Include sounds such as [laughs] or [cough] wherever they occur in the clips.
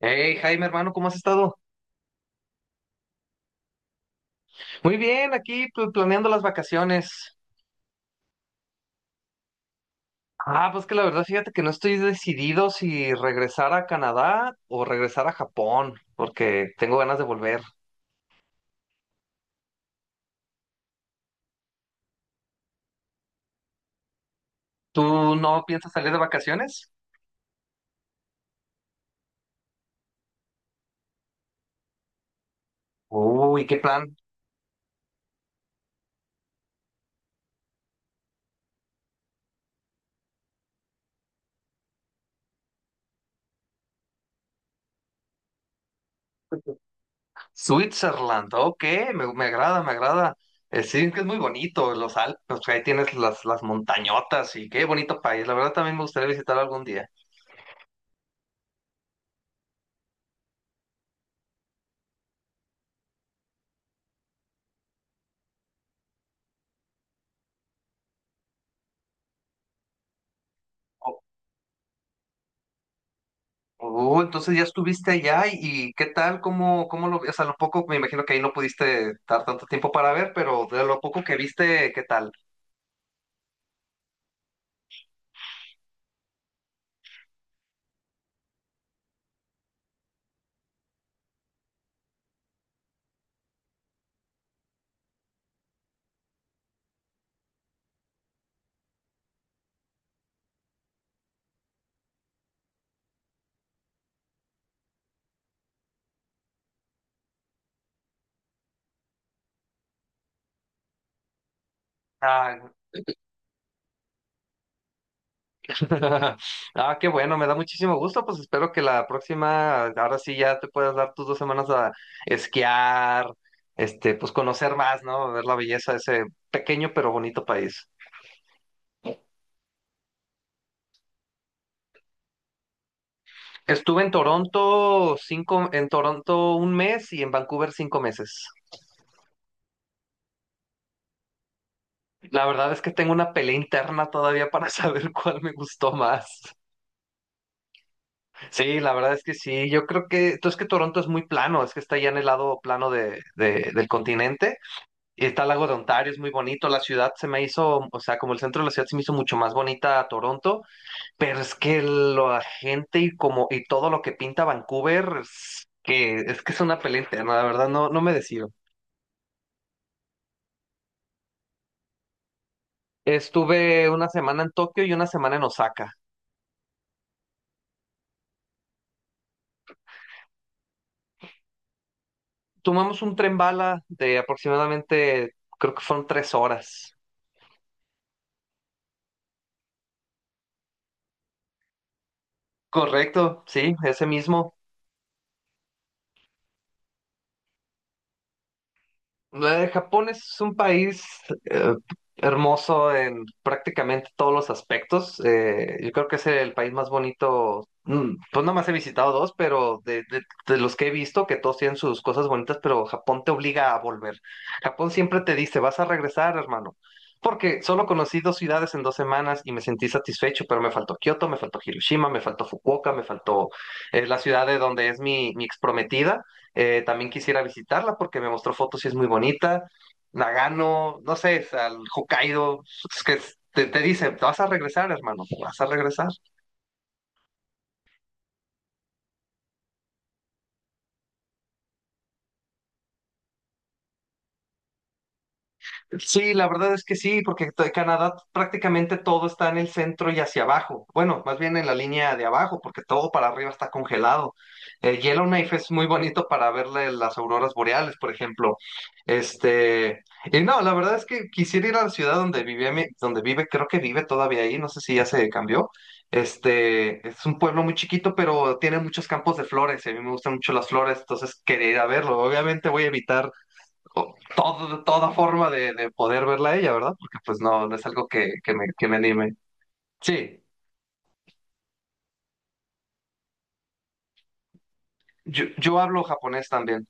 Hey, Jaime, hermano, ¿cómo has estado? Muy bien, aquí planeando las vacaciones. Ah, pues que la verdad, fíjate que no estoy decidido si regresar a Canadá o regresar a Japón, porque tengo ganas de volver. ¿Tú no piensas salir de vacaciones? Uy, qué plan. Switzerland, ok, me agrada, me agrada. Sí, que es muy bonito, los Alpes, pues, ahí tienes las montañotas y qué bonito país. La verdad, también me gustaría visitar algún día. Oh, entonces ya estuviste allá y ¿qué tal? ¿Cómo lo, o sea, lo poco, me imagino que ahí no pudiste dar tanto tiempo para ver, pero de lo poco que viste, ¿qué tal? Ah, [laughs] ah, qué bueno, me da muchísimo gusto, pues espero que la próxima, ahora sí ya te puedas dar tus 2 semanas a esquiar, pues conocer más, ¿no? Ver la belleza de ese pequeño pero bonito país. Estuve en Toronto en Toronto un mes y en Vancouver 5 meses. La verdad es que tengo una pelea interna todavía para [laughs] saber cuál me gustó más. Sí, la verdad es que sí. Yo creo que, entonces que Toronto es muy plano, es que está ya en el lado plano del continente. Y está el lago de Ontario, es muy bonito. La ciudad se me hizo, o sea, como el centro de la ciudad se me hizo mucho más bonita a Toronto, pero es que la gente y como, y todo lo que pinta Vancouver, es que es una pelea interna, la verdad, no, no me decido. Estuve una semana en Tokio y una semana en Osaka. Tomamos un tren bala de aproximadamente, creo que fueron 3 horas. Correcto, sí, ese mismo. Japón es un país eh, hermoso en prácticamente todos los aspectos. Yo creo que es el país más bonito. Pues nada más he visitado dos, pero de los que he visto, que todos tienen sus cosas bonitas, pero Japón te obliga a volver. Japón siempre te dice, vas a regresar, hermano. Porque solo conocí dos ciudades en 2 semanas y me sentí satisfecho, pero me faltó Kioto, me faltó Hiroshima, me faltó Fukuoka, me faltó la ciudad de donde es mi ex también quisiera visitarla porque me mostró fotos y es muy bonita. Nagano, no sé, al Hokkaido, es que te dice, te vas a regresar, hermano, vas a regresar. Sí, la verdad es que sí, porque Canadá prácticamente todo está en el centro y hacia abajo. Bueno, más bien en la línea de abajo, porque todo para arriba está congelado. El Yellowknife es muy bonito para verle las auroras boreales, por ejemplo. Este, y no, la verdad es que quisiera ir a la ciudad donde vivía, donde vive, creo que vive todavía ahí, no sé si ya se cambió. Es un pueblo muy chiquito, pero tiene muchos campos de flores, y a mí me gustan mucho las flores, entonces quería ir a verlo. Obviamente voy a evitar toda forma de poder verla a ella, ¿verdad? Porque pues no, no es algo que me anime. Sí, yo hablo japonés también.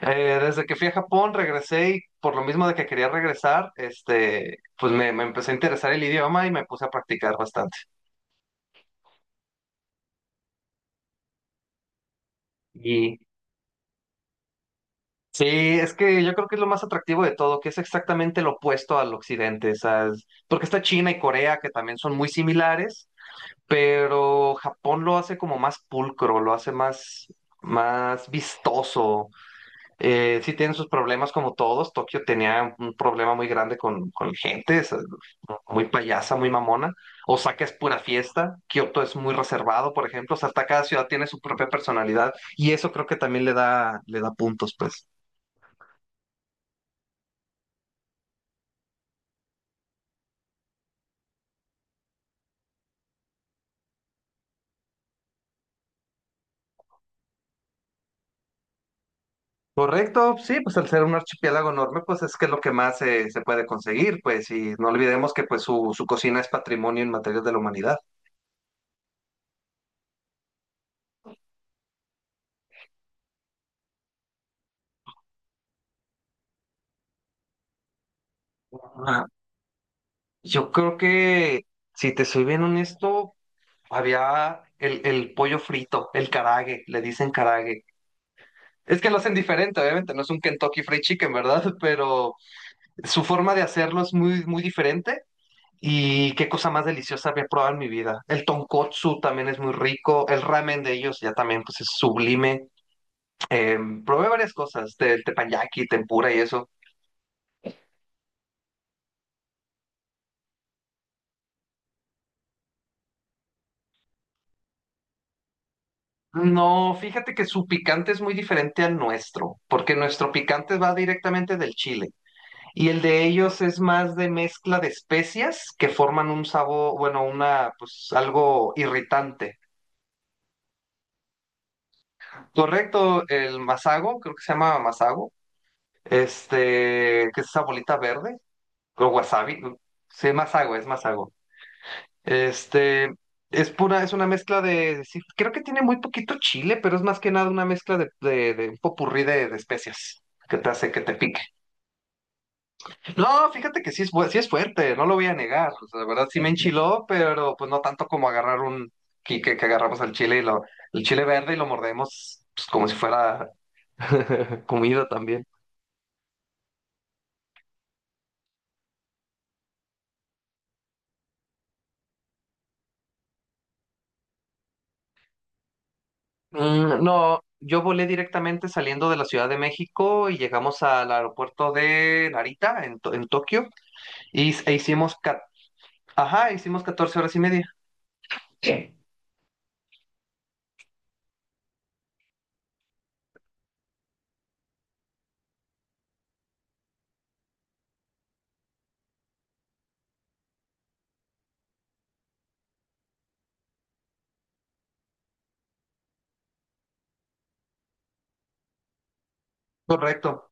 Desde que fui a Japón regresé y por lo mismo de que quería regresar, pues me empecé a interesar el idioma y me puse a practicar bastante. Y sí, es que yo creo que es lo más atractivo de todo, que es exactamente lo opuesto al occidente, ¿sabes? Porque está China y Corea, que también son muy similares, pero Japón lo hace como más pulcro, lo hace más vistoso. Sí tienen sus problemas como todos. Tokio tenía un problema muy grande con gente, muy payasa, muy mamona. Osaka es pura fiesta, Kioto es muy reservado, por ejemplo. O sea, hasta cada ciudad tiene su propia personalidad y eso creo que también le da puntos, pues. Correcto, sí, pues al ser un archipiélago enorme, pues es que es lo que más se puede conseguir, pues, y no olvidemos que pues su cocina es patrimonio en materia de la humanidad. Ajá. Yo creo que, si te soy bien honesto, había el pollo frito, el carague, le dicen carague. Es que lo hacen diferente, obviamente, no es un Kentucky Fried Chicken, ¿verdad? [laughs] Pero su forma de hacerlo es muy, muy diferente. Y qué cosa más deliciosa había probado en mi vida. El tonkotsu también es muy rico. El ramen de ellos ya también, pues, es sublime. Eh, probé varias cosas, del teppanyaki, tempura y eso. No, fíjate que su picante es muy diferente al nuestro, porque nuestro picante va directamente del chile y el de ellos es más de mezcla de especias que forman un sabor, bueno, pues algo irritante. Correcto, el masago, creo que se llama masago, que es esa bolita verde, o wasabi, sí, masago, es masago. Este, es pura, es una mezcla de, sí, creo que tiene muy poquito chile, pero es más que nada una mezcla de un popurrí de especias que te hace que te pique. No, fíjate que sí sí es fuerte, no lo voy a negar. O sea, la verdad sí me enchiló, pero pues no tanto como agarrar que agarramos al chile el chile verde y lo mordemos, pues, como si fuera [laughs] comida también. No, yo volé directamente saliendo de la Ciudad de México y llegamos al aeropuerto de Narita en Tokio. Y s- e hicimos, ca- ajá, hicimos 14 horas y media. Sí. Correcto,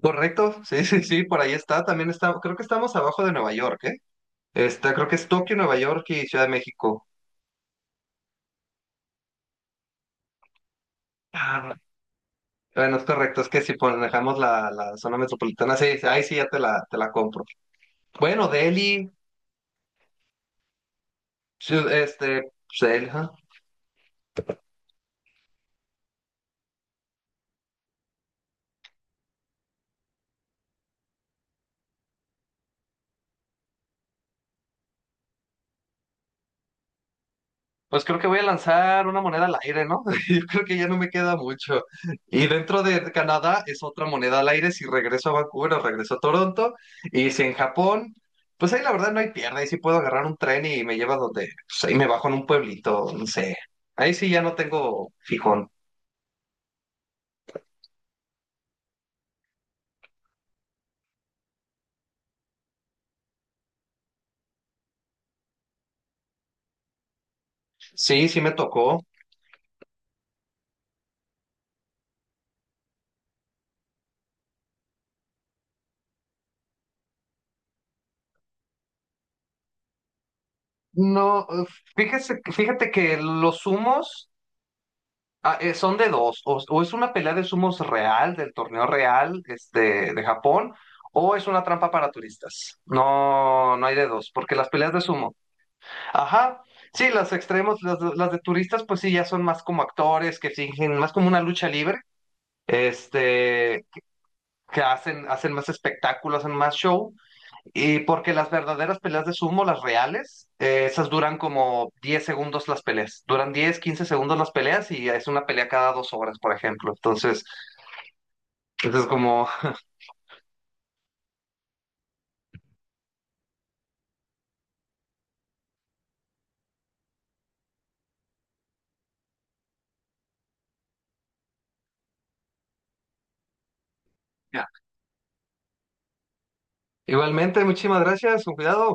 correcto. Sí, sí, sí, por ahí está. También está, creo que estamos abajo de Nueva York, ¿eh? Está, creo que es Tokio, Nueva York y Ciudad de México. Ah, bueno, es correcto, es que si manejamos la zona metropolitana, sí, sí, ahí sí ya te la compro. Bueno, Delhi, ciu- este, pues, Delhi, ajá. Pues creo que voy a lanzar una moneda al aire, ¿no? [laughs] Yo creo que ya no me queda mucho. Y dentro de Canadá es otra moneda al aire si regreso a Vancouver o regreso a Toronto. Y si en Japón, pues ahí la verdad no hay pierde. Ahí sí puedo agarrar un tren y me lleva donde, pues ahí me bajo en un pueblito, no sé. Ahí sí ya no tengo fijón. Sí, sí me tocó. No, fíjate que los humos. Son de dos, o es una pelea de sumos real, del torneo real, de Japón, o es una trampa para turistas. No, no hay de dos, porque las peleas de sumo. Ajá, sí, las extremos, las de turistas, pues sí, ya son más como actores que fingen, más como una lucha libre, este, que hacen más espectáculo, hacen más show, y porque las verdaderas peleas de sumo, las reales, esas duran como 10 segundos las peleas. Duran 10-15 segundos las peleas y es una pelea cada 2 horas, por ejemplo. Entonces como... [laughs] Ya. Igualmente, muchísimas gracias, con cuidado.